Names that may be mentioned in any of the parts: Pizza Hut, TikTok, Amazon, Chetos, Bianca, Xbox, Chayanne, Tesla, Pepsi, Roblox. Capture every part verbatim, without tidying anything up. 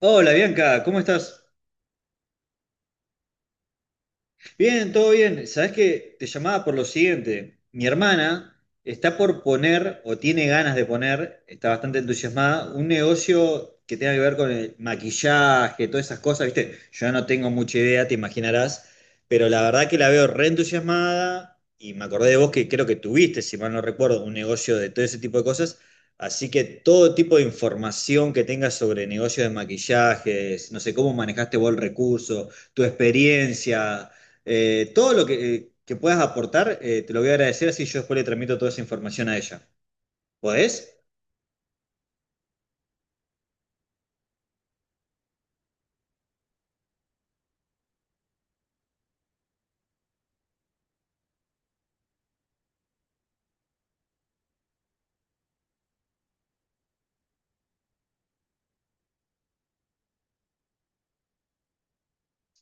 Hola Bianca, ¿cómo estás? Bien, todo bien. Sabes que te llamaba por lo siguiente. Mi hermana está por poner, o tiene ganas de poner, está bastante entusiasmada, un negocio que tenga que ver con el maquillaje, todas esas cosas, ¿viste? Yo no tengo mucha idea, te imaginarás, pero la verdad que la veo re entusiasmada y me acordé de vos que creo que tuviste, si mal no recuerdo, un negocio de todo ese tipo de cosas. Así que todo tipo de información que tengas sobre negocios de maquillajes, no sé cómo manejaste vos el recurso, tu experiencia eh, todo lo que, eh, que puedas aportar, eh, te lo voy a agradecer, así yo después le transmito toda esa información a ella. ¿Podés?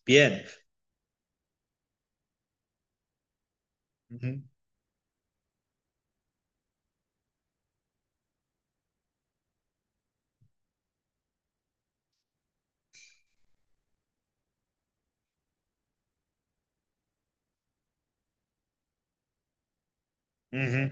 Bien. Ujú, ujú.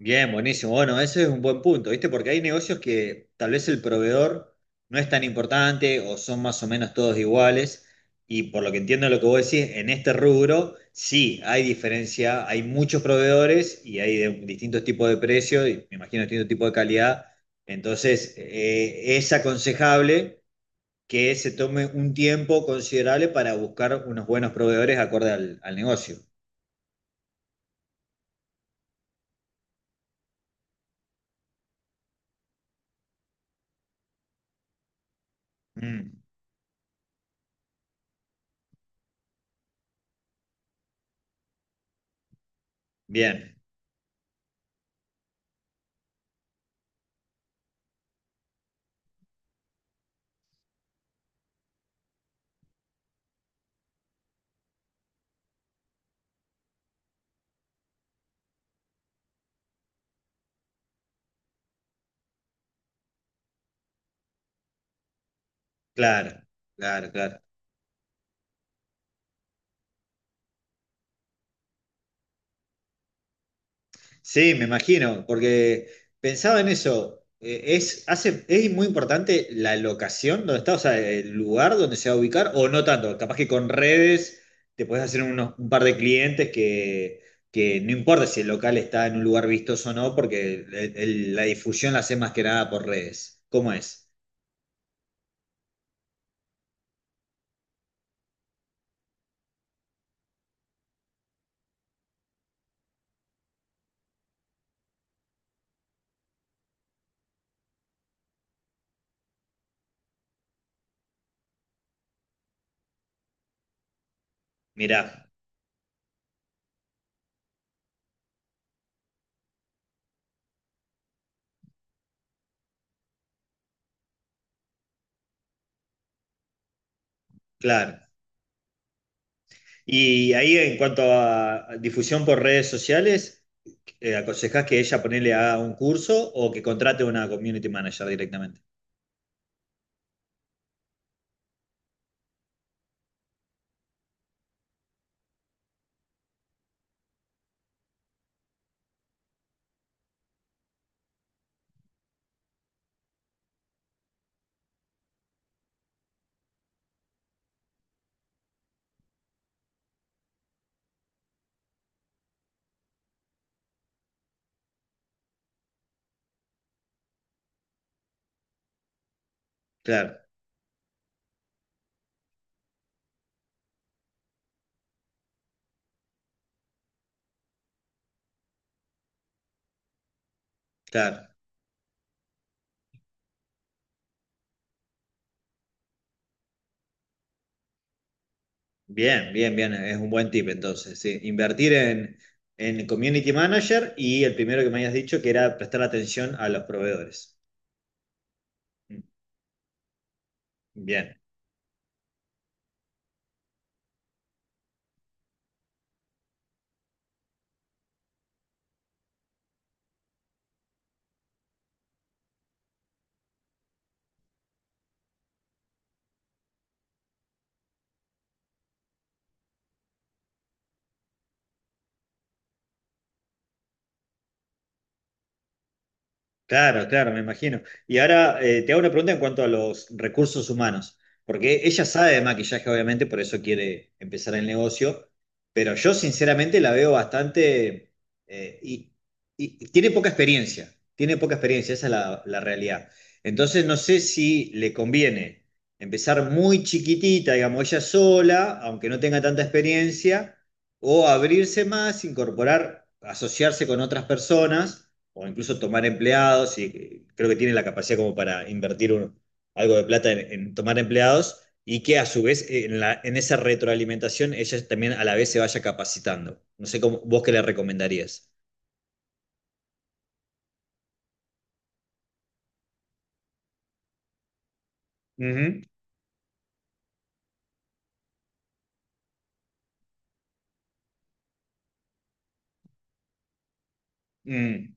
Bien, buenísimo. Bueno, ese es un buen punto, ¿viste? Porque hay negocios que tal vez el proveedor no es tan importante o son más o menos todos iguales. Y por lo que entiendo lo que vos decís, en este rubro sí hay diferencia, hay muchos proveedores y hay de distintos tipos de precios y me imagino distintos tipos de calidad. Entonces, eh, es aconsejable que se tome un tiempo considerable para buscar unos buenos proveedores acorde al, al negocio. Mm, bien, claro, claro, claro. Sí, me imagino, porque pensaba en eso. eh, ¿Es, hace, es muy importante la locación donde está, o sea, el lugar donde se va a ubicar, o no tanto? Capaz que con redes te puedes hacer unos, un par de clientes que, que no importa si el local está en un lugar vistoso o no, porque el- el- la difusión la hace más que nada por redes. ¿Cómo es? Mirá, claro. Y ahí en cuanto a difusión por redes sociales, eh, ¿aconsejás que ella ponele a un curso o que contrate una community manager directamente? Claro, claro. Bien, bien, bien. Es un buen tip entonces. Sí. Invertir en, en community manager y el primero que me habías dicho que era prestar atención a los proveedores. Mm, bien. Claro, claro, me imagino. Y ahora eh, te hago una pregunta en cuanto a los recursos humanos, porque ella sabe de maquillaje, obviamente, por eso quiere empezar el negocio, pero yo sinceramente la veo bastante... eh, y, y- y tiene poca experiencia, tiene poca experiencia, esa es la, la realidad. Entonces no sé si le conviene empezar muy chiquitita, digamos, ella sola, aunque no tenga tanta experiencia, o abrirse más, incorporar, asociarse con otras personas o incluso tomar empleados, y creo que tiene la capacidad como para invertir un, algo de plata en, en, tomar empleados, y que a su vez eh, en, la, en, esa retroalimentación ella también a la vez se vaya capacitando. No sé cómo, vos qué le recomendarías. Uh -huh. Mm.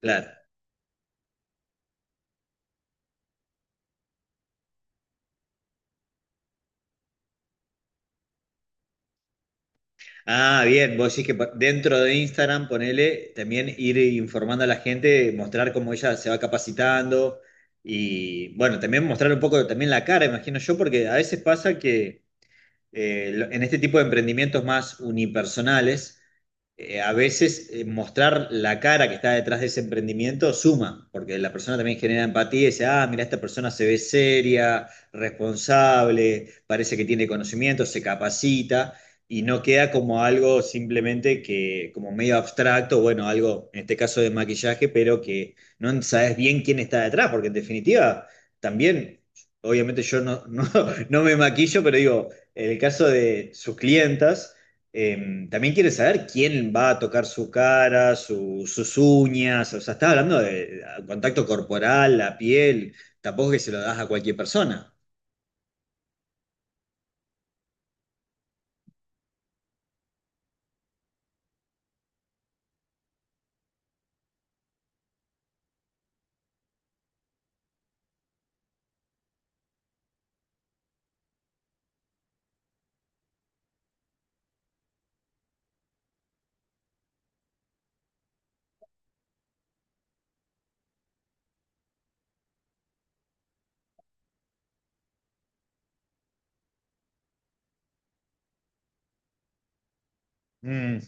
Claro. Ah, bien, vos decís que pa- dentro de Instagram, ponele, también ir informando a la gente, mostrar cómo ella se va capacitando y, bueno, también mostrar un poco también la cara, imagino yo, porque a veces pasa que eh, en este tipo de emprendimientos más unipersonales, eh, a veces eh, mostrar la cara que está detrás de ese emprendimiento suma, porque la persona también genera empatía y dice, ah, mira, esta persona se ve seria, responsable, parece que tiene conocimiento, se capacita, y no queda como algo simplemente que, como medio abstracto, bueno, algo, en este caso de maquillaje, pero que no sabes bien quién está detrás, porque en definitiva, también... Obviamente yo no, no, no me maquillo, pero digo, en el caso de sus clientas, eh, también quiere saber quién va a tocar su cara, su- sus uñas, o sea, estás hablando de contacto corporal, la piel, tampoco es que se lo das a cualquier persona. Mm,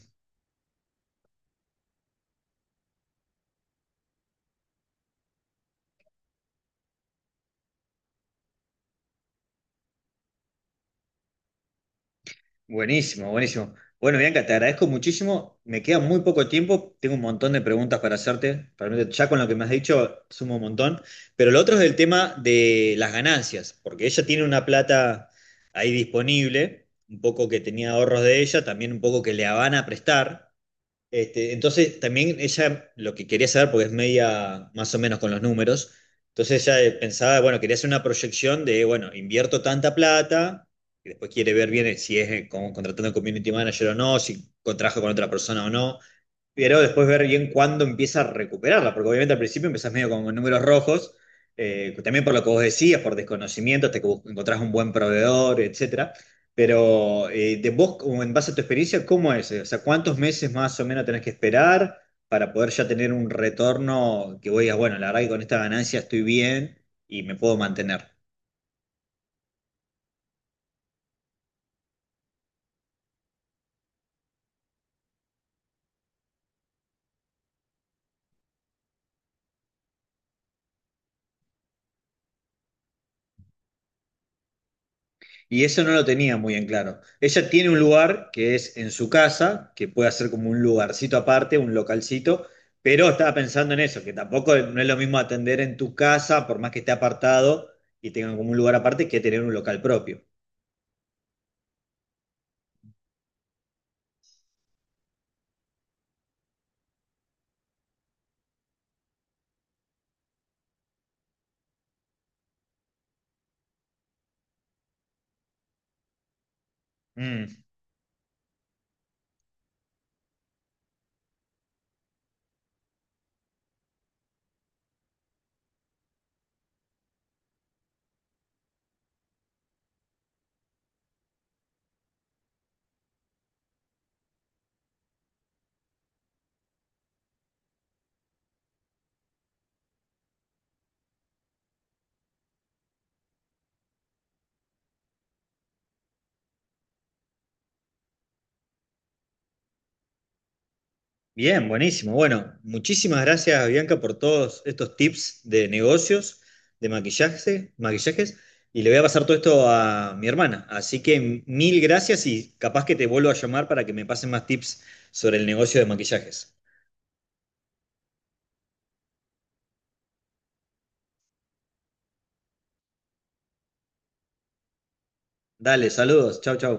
buenísimo, buenísimo. Bueno, Bianca, te agradezco muchísimo. Me queda muy poco tiempo. Tengo un montón de preguntas para hacerte. Realmente ya con lo que me has dicho sumo un montón. Pero lo otro es el tema de las ganancias, porque ella tiene una plata ahí disponible, un poco que tenía ahorros de ella, también un poco que le van a prestar. Este, entonces, también ella lo que quería saber, porque es media más o menos con los números, entonces ella eh, pensaba, bueno, quería hacer una proyección de, bueno, invierto tanta plata, y después quiere ver bien eh, si es eh, como contratando un community manager o no, si contrajo con otra persona o no, pero después ver bien cuándo empieza a recuperarla, porque obviamente al principio empezás medio con números rojos, eh, también por lo que vos decías, por desconocimiento, hasta que vos encontrás un buen proveedor, etcétera. Pero eh, de vos, como en base a tu experiencia, ¿cómo es? O sea, ¿cuántos meses más o menos tenés que esperar para poder ya tener un retorno que vos digas, bueno, la verdad que con esta ganancia estoy bien y me puedo mantener? Y eso no lo tenía muy en claro. Ella tiene un lugar que es en su casa, que puede ser como un lugarcito aparte, un localcito, pero estaba pensando en eso, que tampoco no es lo mismo atender en tu casa, por más que esté apartado y tengan como un lugar aparte, que tener un local propio. Mm. Bien, buenísimo. Bueno, muchísimas gracias, Bianca, por todos estos tips de negocios, de maquillaje, maquillajes. Y le voy a pasar todo esto a mi hermana. Así que mil gracias y capaz que te vuelvo a llamar para que me pasen más tips sobre el negocio de maquillajes. Dale, saludos. Chau, chau.